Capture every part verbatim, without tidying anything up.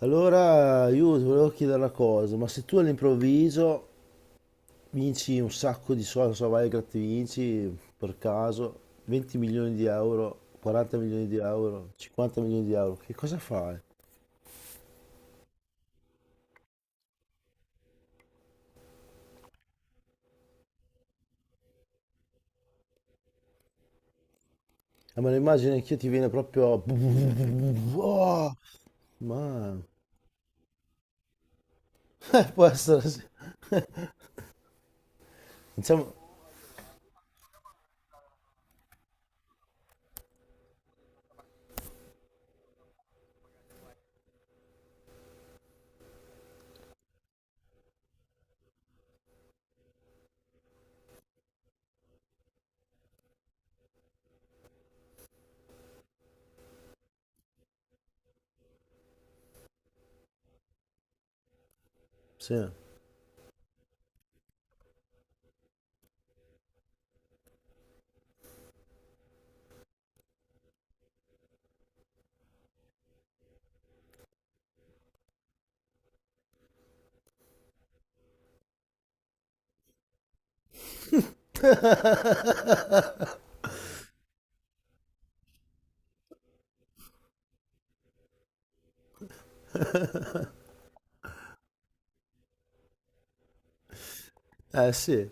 Allora io ti volevo chiedere una cosa, ma se tu all'improvviso vinci un sacco di soldi, non so, vai al Grattevinci per caso, venti milioni di euro, quaranta milioni di euro, cinquanta milioni di euro, che cosa fai? Eh, ma l'immagine anch'io ti viene proprio. Oh, ma. Eh, può essere, sì. Diciamo. Sì. Eh sì.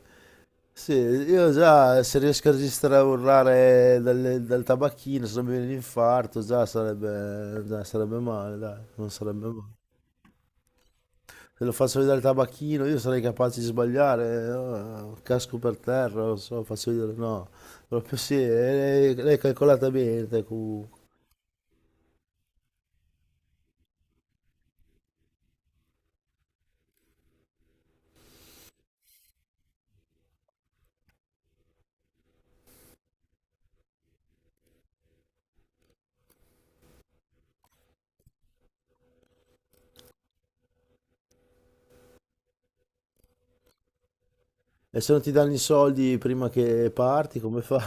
Sì, io già se riesco a registrare a urlare dal, dal tabacchino, se non mi viene l'infarto, già sarebbe, già sarebbe male, dai, non sarebbe male. Se lo faccio vedere il tabacchino, io sarei capace di sbagliare, eh, casco per terra, non so, faccio vedere, no. Proprio sì, eh, l'hai calcolata bene, te, comunque. E se non ti danno i soldi prima che parti, come fai?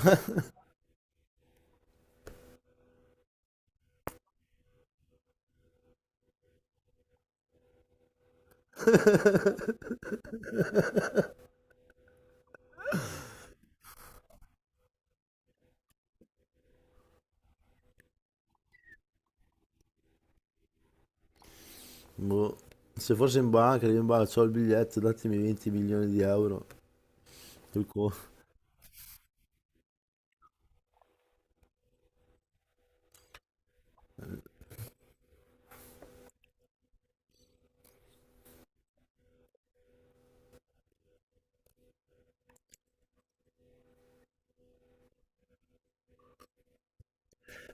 Boh. Se fosse in banca, io in banca, ho il biglietto, datemi venti milioni di euro. Sul conto.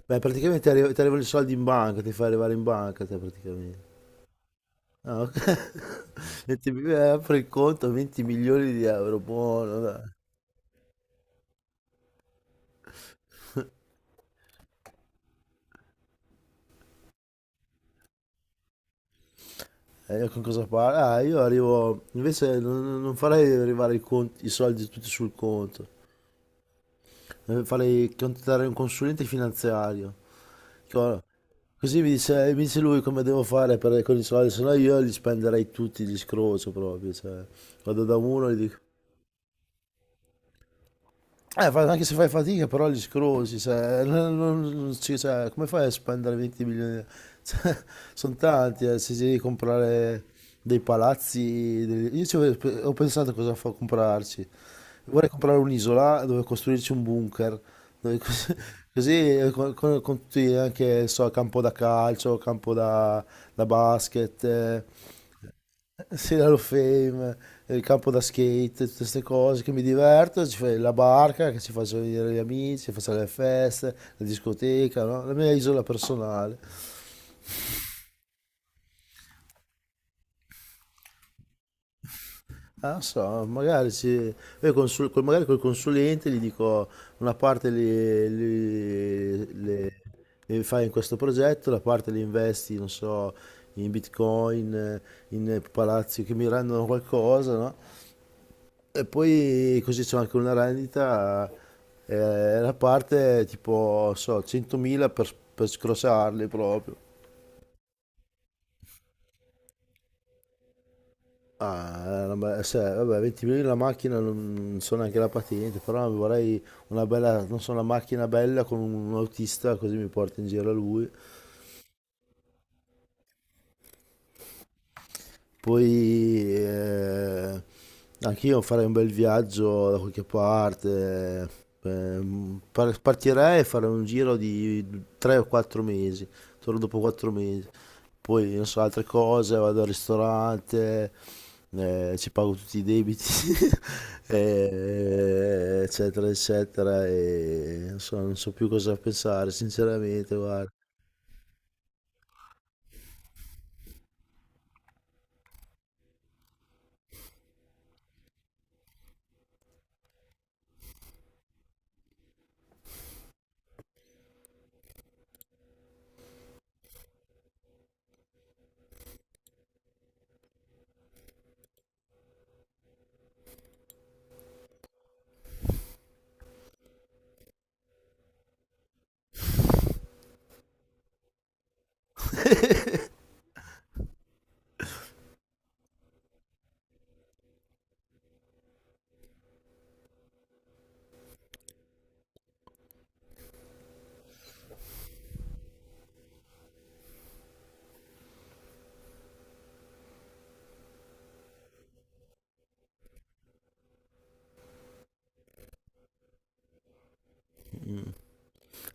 Beh, praticamente ti arri- ti arrivano i soldi in banca, ti fai arrivare in banca te praticamente. Ah, ok. venti, mi- eh, apri il conto, venti milioni di euro, buono, dai. E io con cosa parlo? Ah, io arrivo, invece non, non farei arrivare i, conti- i soldi tutti sul conto. Eh, farei contattare un consulente finanziario. Co- Così mi dice, mi dice lui come devo fare per, con i soldi, se no io li spenderei tutti, li scrocio proprio, cioè, vado da uno e gli dico. Eh, fa- anche se fai fatica, però li scrosi, cioè, non- non- non ci- cioè, come fai a spendere venti milioni? Cioè, sono tanti, eh, se devi comprare dei palazzi, degli- io ci ho, ho pensato cosa fa comprarci. Vorrei comprare un'isola dove costruirci un bunker, dove cos- così, eh, con, con- con tutti anche, so, campo da calcio, campo da, da basket, eh, sì, l'Hall of Fame, il campo da skate, tutte queste cose che mi diverto, ci fai la barca, che ci faccio venire gli amici, ci faccio le feste, la discoteca, no? La mia isola personale. Ah, non so, magari, ci, io consul- col- magari col consulente gli dico una parte li, li- le- le fai in questo progetto, la parte li investi, non so, in Bitcoin, in palazzi che mi rendono qualcosa, no? E poi così c'è anche una rendita, eh, la parte tipo, so, centomila per, per scrossarli proprio. Ah, una be- cioè, vabbè, ventimila la macchina non so neanche la patente, però vorrei una bella, non so, una macchina bella con un autista così mi porta in giro lui. Poi eh, anch'io farei un bel viaggio da qualche parte, eh, par- partirei e farei un giro di tre o quattro mesi, torno dopo quattro mesi. Poi non so, altre cose, vado al ristorante, eh, ci pago tutti i debiti, eh, eccetera, eccetera, e non so, non so più cosa pensare, sinceramente, guarda.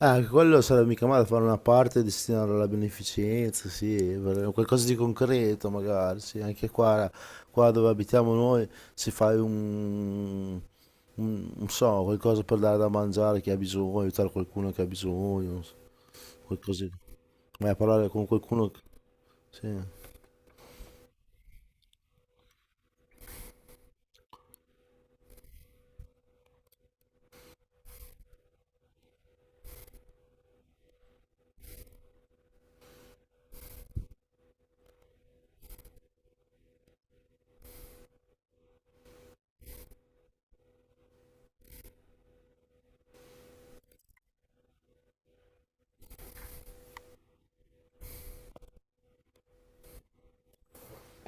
Ah, anche quello sarebbe mica male fare una parte destinare alla beneficenza, sì, per- qualcosa di concreto magari, sì, anche qua, qua dove abitiamo noi si fa un, un- non so, qualcosa per dare da mangiare a chi ha bisogno, aiutare qualcuno che ha bisogno, non so, qualcosa, vai a parlare con qualcuno, che- sì,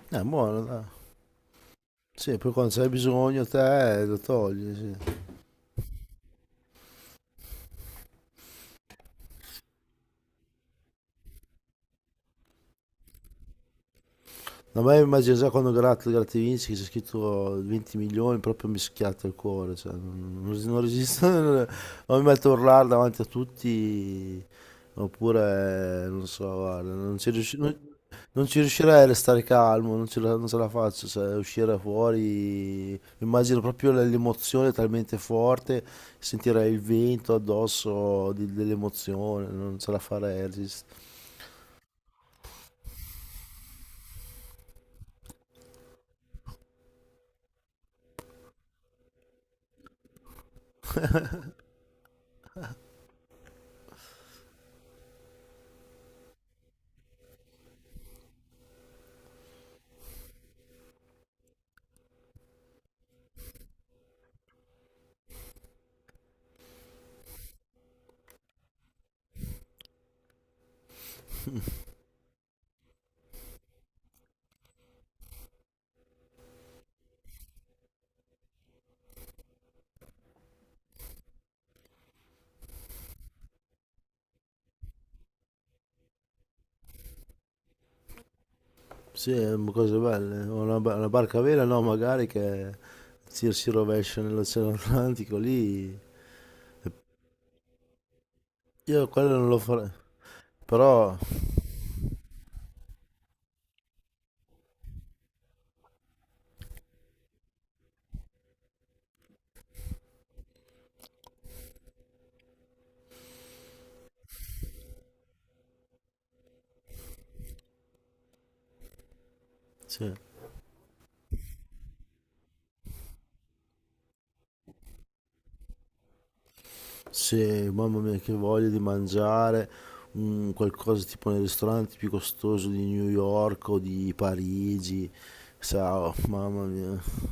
è buono, dai. Sì, poi quando c'è bisogno te lo togli, sì. No, ma io immagino già quando Gratt- Grattevinci che c'è scritto venti milioni, proprio mi schiatta il cuore, cioè, non, non res- non resisto, non- o mi metto a urlare davanti a tutti, oppure, non so, guarda, non ci, riusci- non- non ci riuscirei a restare calmo, non, ce la, non ce la faccio, cioè, uscire fuori, immagino proprio l- l'emozione talmente forte, sentirei il vento addosso di- dell'emozione, non ce la farei, resist- Sì, ehm, cose belle. Una, ba- una barca a vela, no, magari che si, si rovescia nell'Oceano Atlantico lì. Io quello non lo farei. Però, sì, sì, mamma mia, che voglia di mangiare un qualcosa tipo nei ristoranti più costosi di New York o di Parigi. Ciao, mamma mia.